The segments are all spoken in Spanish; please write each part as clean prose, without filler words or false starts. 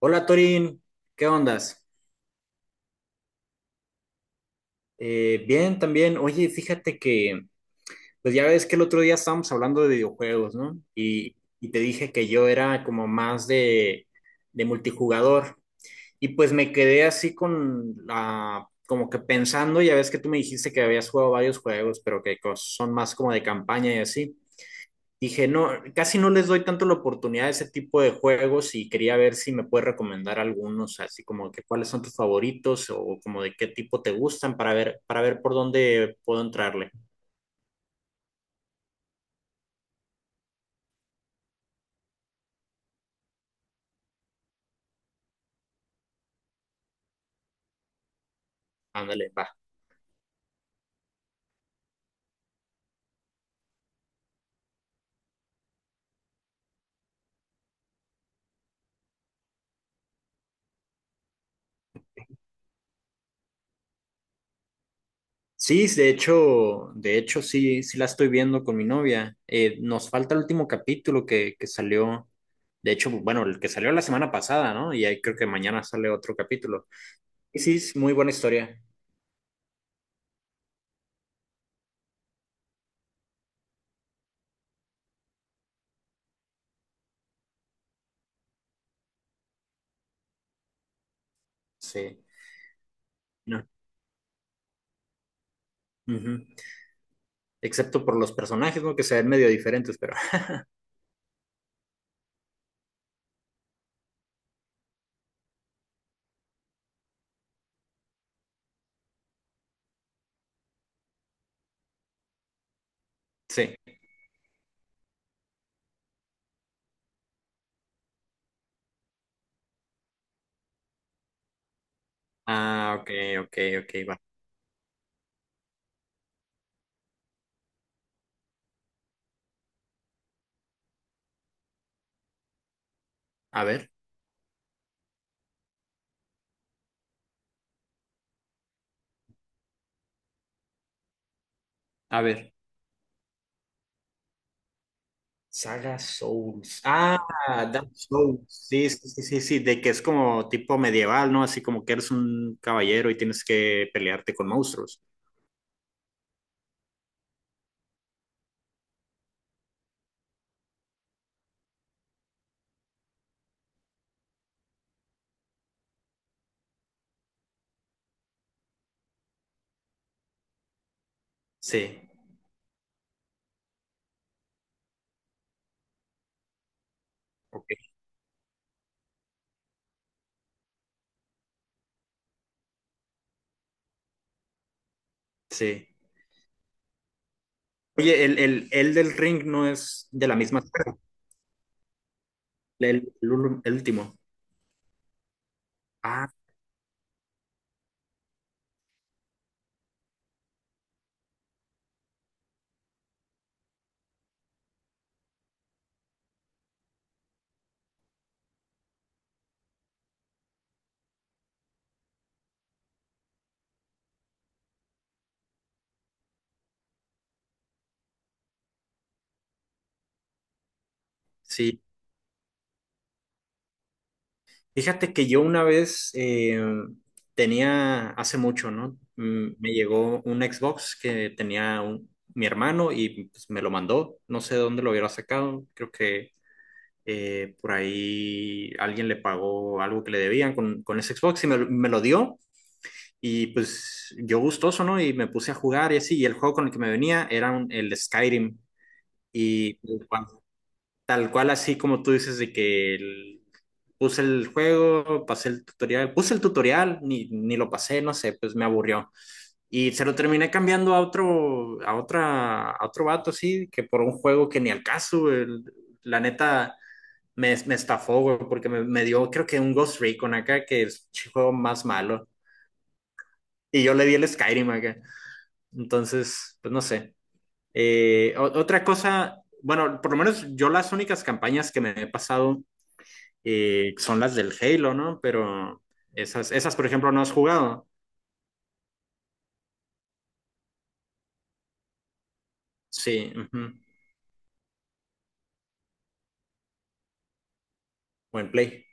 Hola Torín, ¿qué ondas? Bien, también. Oye, fíjate que, pues ya ves que el otro día estábamos hablando de videojuegos, ¿no? Y te dije que yo era como más de multijugador. Y pues me quedé así con la, como que pensando, ya ves que tú me dijiste que habías jugado varios juegos, pero que son más como de campaña y así. Dije, no, casi no les doy tanto la oportunidad a ese tipo de juegos y quería ver si me puedes recomendar algunos, así como que cuáles son tus favoritos o como de qué tipo te gustan para ver por dónde puedo entrarle. Ándale, va. Sí, de hecho sí, sí la estoy viendo con mi novia. Nos falta el último capítulo que salió. De hecho, bueno, el que salió la semana pasada, ¿no? Y ahí creo que mañana sale otro capítulo. Y sí, es muy buena historia. Sí. No. Ujú. Excepto por los personajes, ¿no? Que se ven medio diferentes, pero Sí. Ah, ok, ok, ok, va. A ver, a ver. Saga Souls. Ah, Dark Souls. Sí, sí, sí, sí, sí, de que es como tipo medieval, ¿no? Así como que eres un caballero y tienes que pelearte con monstruos. Sí, ok, sí. Oye, el del ring no es de la misma saga, el, el último. Ah, sí. Fíjate que yo una vez tenía, hace mucho, ¿no? Me llegó un Xbox que tenía mi hermano y pues, me lo mandó. No sé de dónde lo hubiera sacado. Creo que por ahí alguien le pagó algo que le debían con ese Xbox y me lo dio. Y pues yo gustoso, ¿no? Y me puse a jugar y así. Y el juego con el que me venía era el Skyrim. Y pues, tal cual así como tú dices de que puse el juego, pasé el tutorial, puse el tutorial, ni lo pasé, no sé, pues me aburrió. Y se lo terminé cambiando a otro, a otra, a otro vato así, que por un juego que ni al caso, güey. La neta me estafó, güey, porque me dio creo que un Ghost Recon acá, que es el juego más malo. Y yo le di el Skyrim acá. Entonces, pues no sé. Otra cosa, bueno, por lo menos yo las únicas campañas que me he pasado son las del Halo, ¿no? Pero esas, por ejemplo, no has jugado. Sí, ujú. Buen play.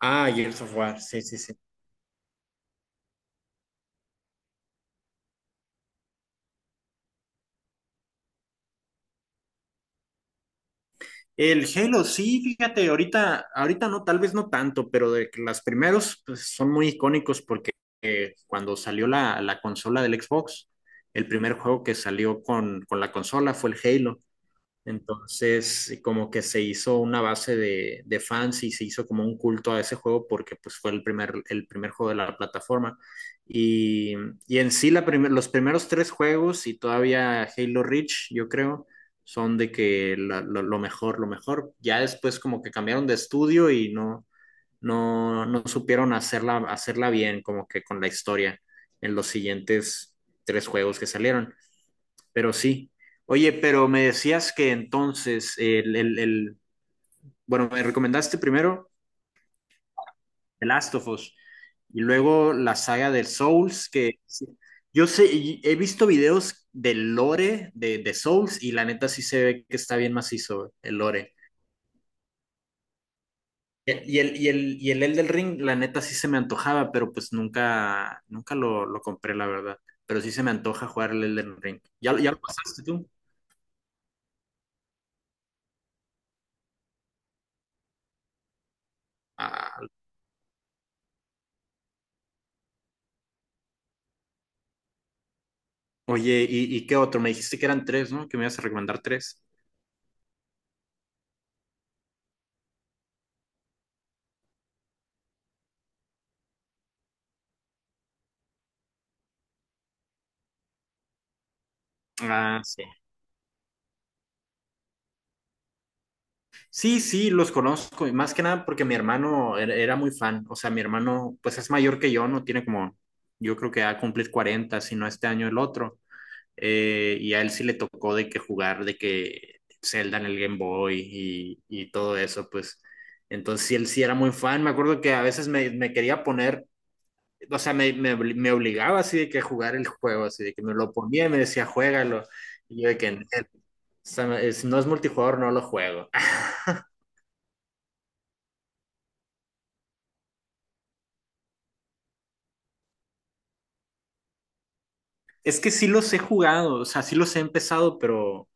Ah, Gears of War, sí, sí, sí. El Halo, sí, fíjate, ahorita, ahorita no, tal vez no tanto, pero de que los primeros pues, son muy icónicos porque cuando salió la consola del Xbox, el primer juego que salió con la consola fue el Halo. Entonces, como que se hizo una base de fans y se hizo como un culto a ese juego porque pues fue el primer juego de la plataforma. Y, y en sí los primeros tres juegos y todavía Halo Reach, yo creo, son de que lo mejor, lo mejor. Ya después como que cambiaron de estudio y no supieron hacerla, hacerla bien, como que con la historia en los siguientes tres juegos que salieron. Pero sí. Oye, pero me decías que entonces bueno, me recomendaste primero The Last of Us y luego la saga del Souls, que sí. Yo sé, y he visto videos del lore de Souls y la neta sí se ve que está bien macizo el lore. Y el Elden Ring, la neta sí se me antojaba, pero pues nunca, nunca lo compré, la verdad. Pero sí se me antoja jugar el Elden Ring. ¿Ya lo pasaste tú? Ah, oye, ¿y qué otro? Me dijiste que eran tres, ¿no? Que me ibas a recomendar tres. Ah, sí. Sí, sí, los conozco. Y más que nada porque mi hermano era muy fan. O sea, mi hermano, pues es mayor que yo, ¿no? Tiene como, yo creo que va a cumplir 40 si no este año el otro. Y a él sí le tocó de que jugar, de que Zelda en el Game Boy y todo eso, pues. Entonces, sí, él sí era muy fan. Me acuerdo que a veces me quería poner. O sea, me obligaba así de que a jugar el juego, así de que me lo ponía y me decía, juégalo. Y yo de que, O sea, si no es multijugador, no lo juego. Es que sí los he jugado, o sea, sí los he empezado, pero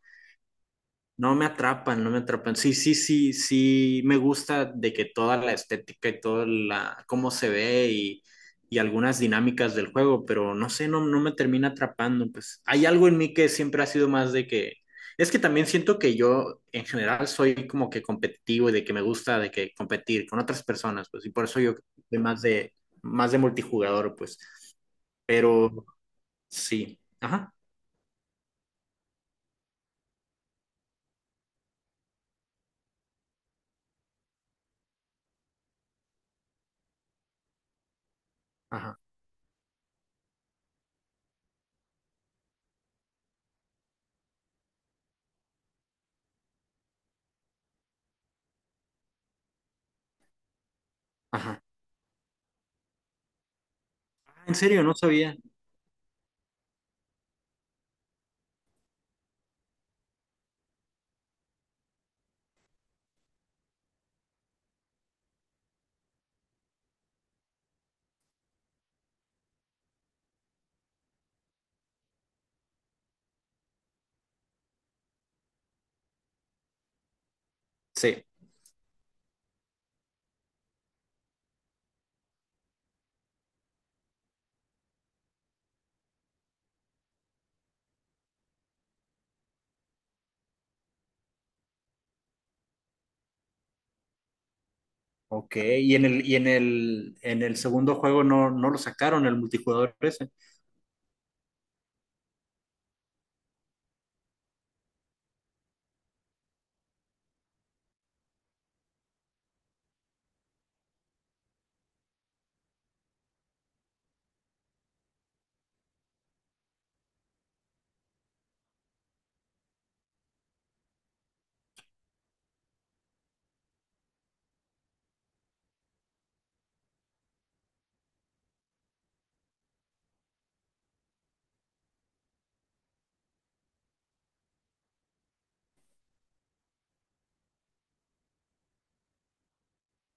No me atrapan, no me atrapan. Sí, sí, sí, sí, me gusta de que toda la estética y cómo se ve y algunas dinámicas del juego, pero no sé, no me termina atrapando. Pues hay algo en mí que siempre ha sido más de que, es que también siento que yo en general soy como que competitivo y de que me gusta de que competir con otras personas, pues, y por eso yo soy más de multijugador, pues, pero sí, ajá, ajá, ajá. Ah, en serio, no sabía. Sí. Ok, y en el segundo juego no lo sacaron, el multijugador ese.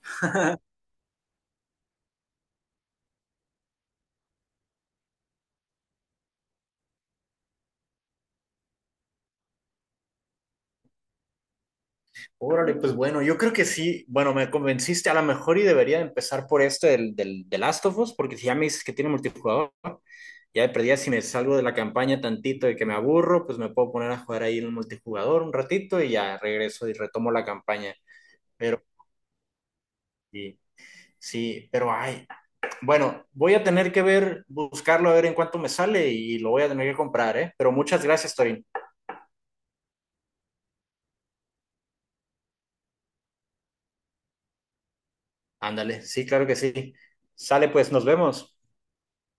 Órale, pues bueno, yo creo que sí. Bueno, me convenciste a lo mejor y debería empezar por este del Last of Us, porque si ya me dices que tiene multijugador, ya de perdida si me salgo de la campaña tantito y que me aburro, pues me puedo poner a jugar ahí en el multijugador un ratito y ya regreso y retomo la campaña. Pero sí, sí, pero ay, bueno, voy a tener que ver, buscarlo a ver en cuánto me sale y lo voy a tener que comprar, ¿eh? Pero muchas gracias, Torín. Ándale, sí, claro que sí. Sale, pues, nos vemos.